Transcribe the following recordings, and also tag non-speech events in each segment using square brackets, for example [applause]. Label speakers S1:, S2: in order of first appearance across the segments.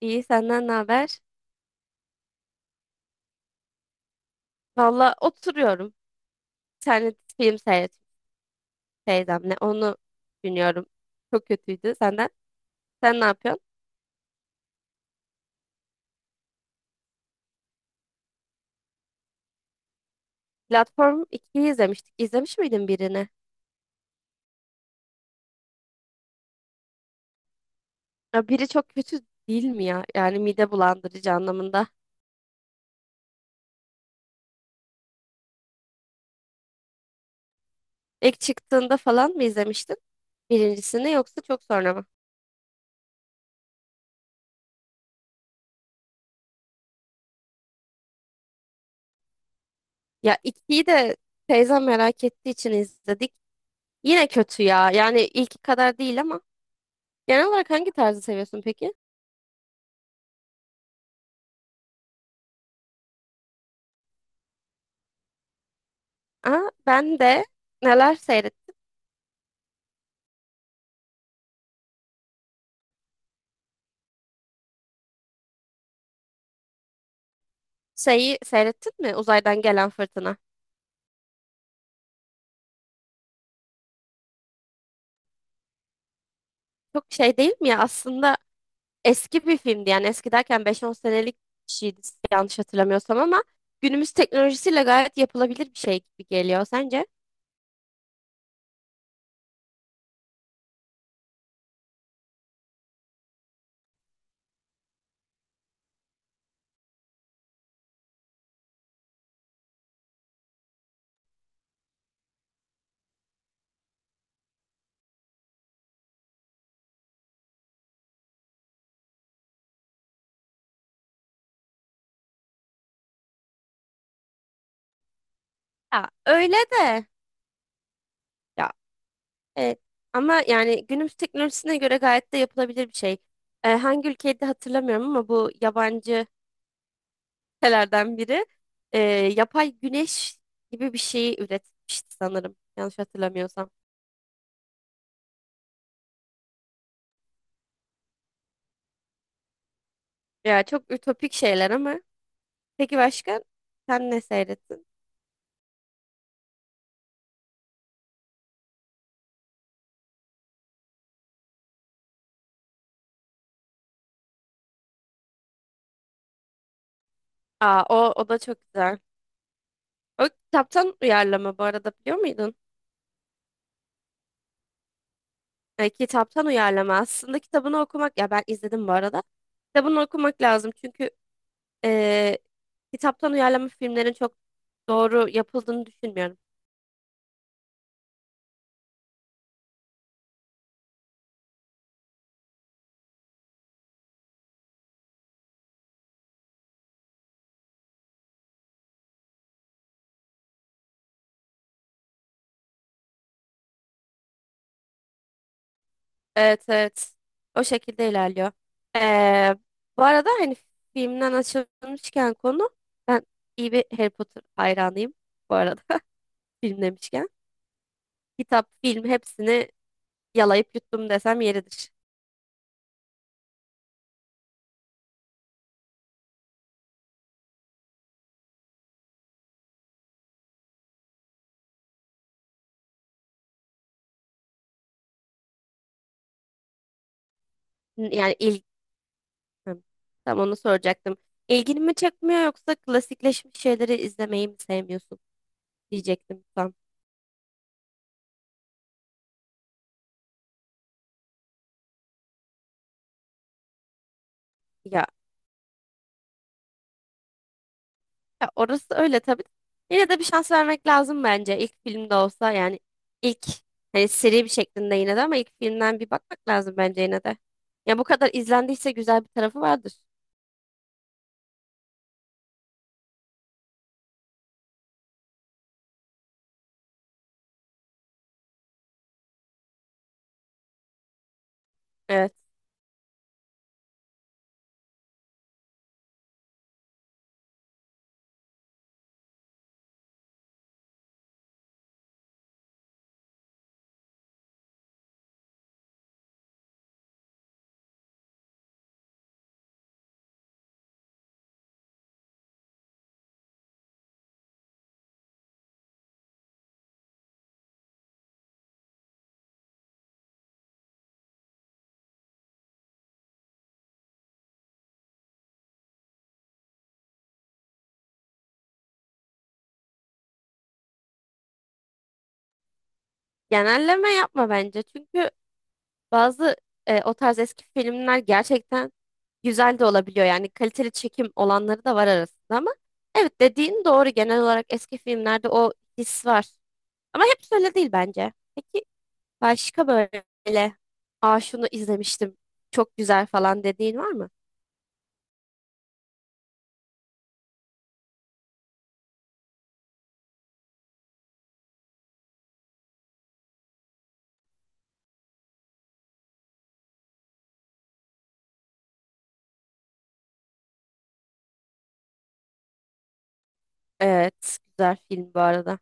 S1: İyi, senden ne haber? Valla oturuyorum. Bir tane film seyrettim teyzemle. Onu dinliyorum. Çok kötüydü senden. Sen ne yapıyorsun? Platform ikiyi izlemiştik. İzlemiş miydin birini? Ya biri çok kötü değil mi ya? Yani mide bulandırıcı anlamında. İlk çıktığında falan mı izlemiştin? Birincisini yoksa çok sonra mı? Ya ikiyi de teyzem merak ettiği için izledik. Yine kötü ya. Yani ilki kadar değil ama. Genel olarak hangi tarzı seviyorsun peki? Aa, ben de neler seyrettim? Şeyi seyrettin mi? Uzaydan gelen fırtına. Çok şey değil mi ya? Aslında eski bir filmdi. Yani eski derken beş on senelik bir şeydi, yanlış hatırlamıyorsam, ama günümüz teknolojisiyle gayet yapılabilir bir şey gibi geliyor sence? Ya öyle de. Ya evet. Ama yani günümüz teknolojisine göre gayet de yapılabilir bir şey. Hangi ülkeydi hatırlamıyorum ama bu yabancı ülkelerden biri e, yapay güneş gibi bir şeyi üretmişti sanırım. Yanlış hatırlamıyorsam. Ya çok ütopik şeyler ama peki başka? Sen ne seyrettin? Aa, o da çok güzel. O kitaptan uyarlama bu arada, biliyor muydun? Kitaptan uyarlama. Aslında kitabını okumak, ya ben izledim bu arada. Kitabını okumak lazım çünkü e, kitaptan uyarlama filmlerin çok doğru yapıldığını düşünmüyorum. Evet, evet. O şekilde ilerliyor. E, bu arada hani filmden açılmışken konu, ben iyi bir Harry Potter hayranıyım bu arada [laughs] film demişken. Kitap, film hepsini yalayıp yuttum desem yeridir. Yani Hı, tam onu soracaktım. İlgini mi çekmiyor yoksa klasikleşmiş şeyleri izlemeyi mi sevmiyorsun diyecektim tam. Ya, ya orası öyle tabii. Yine de bir şans vermek lazım bence. İlk filmde olsa yani ilk, hani seri bir şeklinde yine de, ama ilk filmden bir bakmak lazım bence yine de. Ya bu kadar izlendiyse güzel bir tarafı vardır. Evet. Genelleme yapma bence. Çünkü bazı, o tarz eski filmler gerçekten güzel de olabiliyor. Yani kaliteli çekim olanları da var arasında ama evet, dediğin doğru. Genel olarak eski filmlerde o his var. Ama hep öyle değil bence. Peki başka böyle "aa, şunu izlemiştim, çok güzel" falan dediğin var mı? Evet, güzel film bu arada.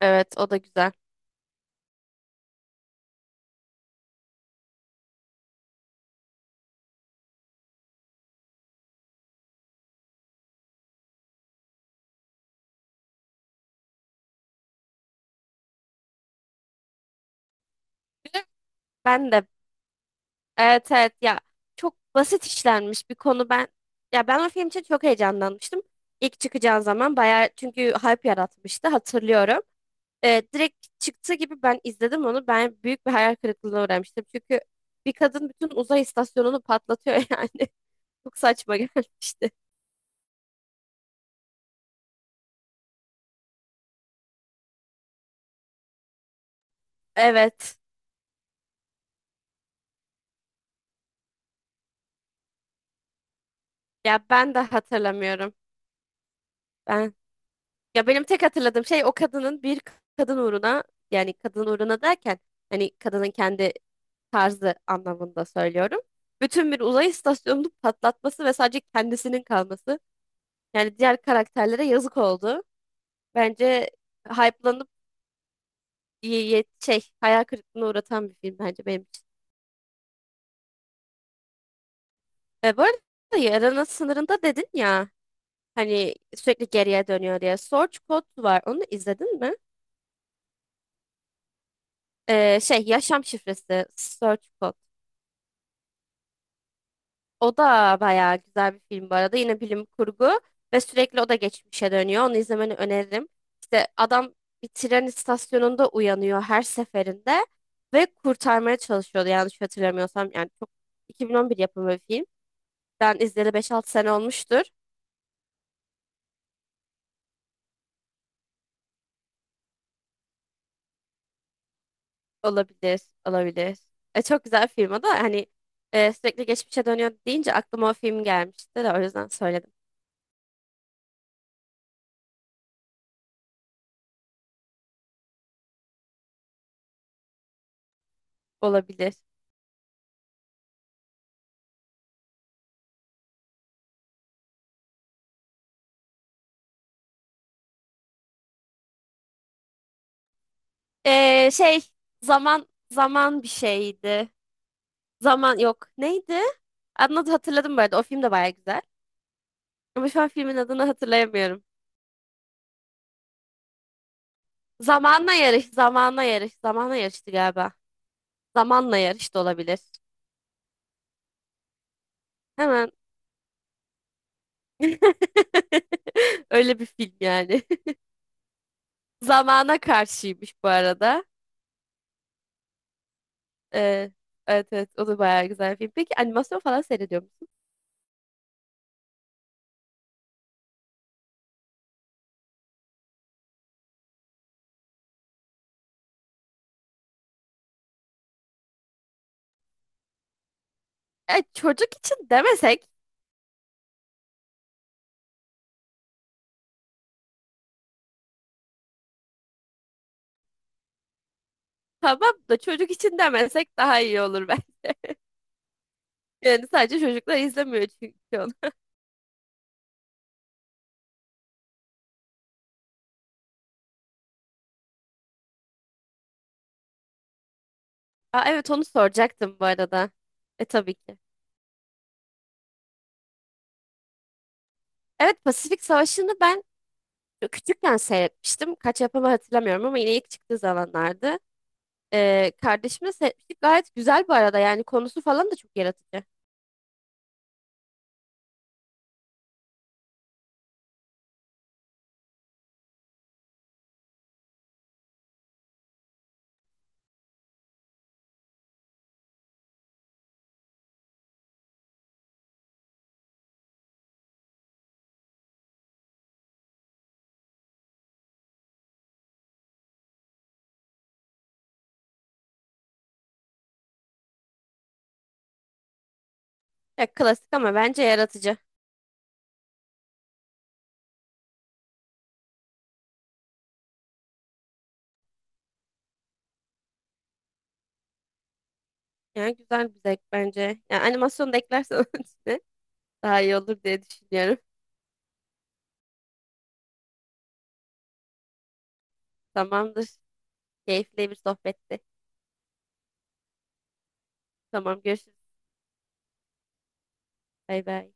S1: Evet, o da güzel. Ben de Evet, evet, ya çok basit işlenmiş bir konu, ya ben o film için çok heyecanlanmıştım. İlk çıkacağı zaman bayağı çünkü hype yaratmıştı, hatırlıyorum. Direkt çıktığı gibi ben izledim onu, ben büyük bir hayal kırıklığına uğramıştım. Çünkü bir kadın bütün uzay istasyonunu patlatıyor [laughs] yani çok saçma gelmişti. Evet, ya ben de hatırlamıyorum. Ben Ya benim tek hatırladığım şey, o kadının bir kadın uğruna, yani kadın uğruna derken hani kadının kendi tarzı anlamında söylüyorum. Bütün bir uzay istasyonunu patlatması ve sadece kendisinin kalması. Yani diğer karakterlere yazık oldu. Bence hype'lanıp şey, hayal kırıklığına uğratan bir film bence benim için. Bu arada Yarının Sınırında dedin ya, hani sürekli geriye dönüyor diye. Source Code var. Onu izledin mi? Şey Yaşam Şifresi, Source Code. O da bayağı güzel bir film bu arada. Yine bilim kurgu ve sürekli o da geçmişe dönüyor. Onu izlemeni öneririm. İşte adam bir tren istasyonunda uyanıyor her seferinde ve kurtarmaya çalışıyordu. Yanlış hatırlamıyorsam yani, çok, 2011 yapımı bir film. Ben izleyeli 5-6 sene olmuştur. Olabilir, olabilir. Çok güzel film o da hani, sürekli geçmişe dönüyor deyince aklıma o film gelmişti de o yüzden söyledim. Olabilir. Şey, zaman zaman bir şeydi. Zaman yok. Neydi? Adını hatırladım bu arada. O film de baya güzel. Ama şu an filmin adını hatırlayamıyorum. Zamanla yarış, zamanla yarış, zamanla yarıştı galiba. Zamanla yarış da olabilir. Hemen. [laughs] Öyle bir film yani. [laughs] Zamana karşıymış bu arada. Ee, evet, evet, o da bayağı güzel bir film. Peki animasyon falan seyrediyor musun? Çocuk için demesek, tamam da, çocuk için demesek daha iyi olur ben. [laughs] Yani sadece çocuklar izlemiyor çünkü... Aa, evet, onu soracaktım bu arada. E, tabii ki. Evet, Pasifik Savaşı'nı ben küçükken seyretmiştim. Kaç yapımı hatırlamıyorum ama yine ilk çıktığı zamanlardı. Kardeşimle seyretmiştik. Gayet güzel bu arada, yani konusu falan da çok yaratıcı. Ya, klasik ama bence yaratıcı. Yani güzel bir zevk bence. Yani animasyonu da eklersen [laughs] onun içine daha iyi olur diye düşünüyorum. Tamamdır. Keyifli bir sohbetti. Tamam, görüşürüz. Bay bay.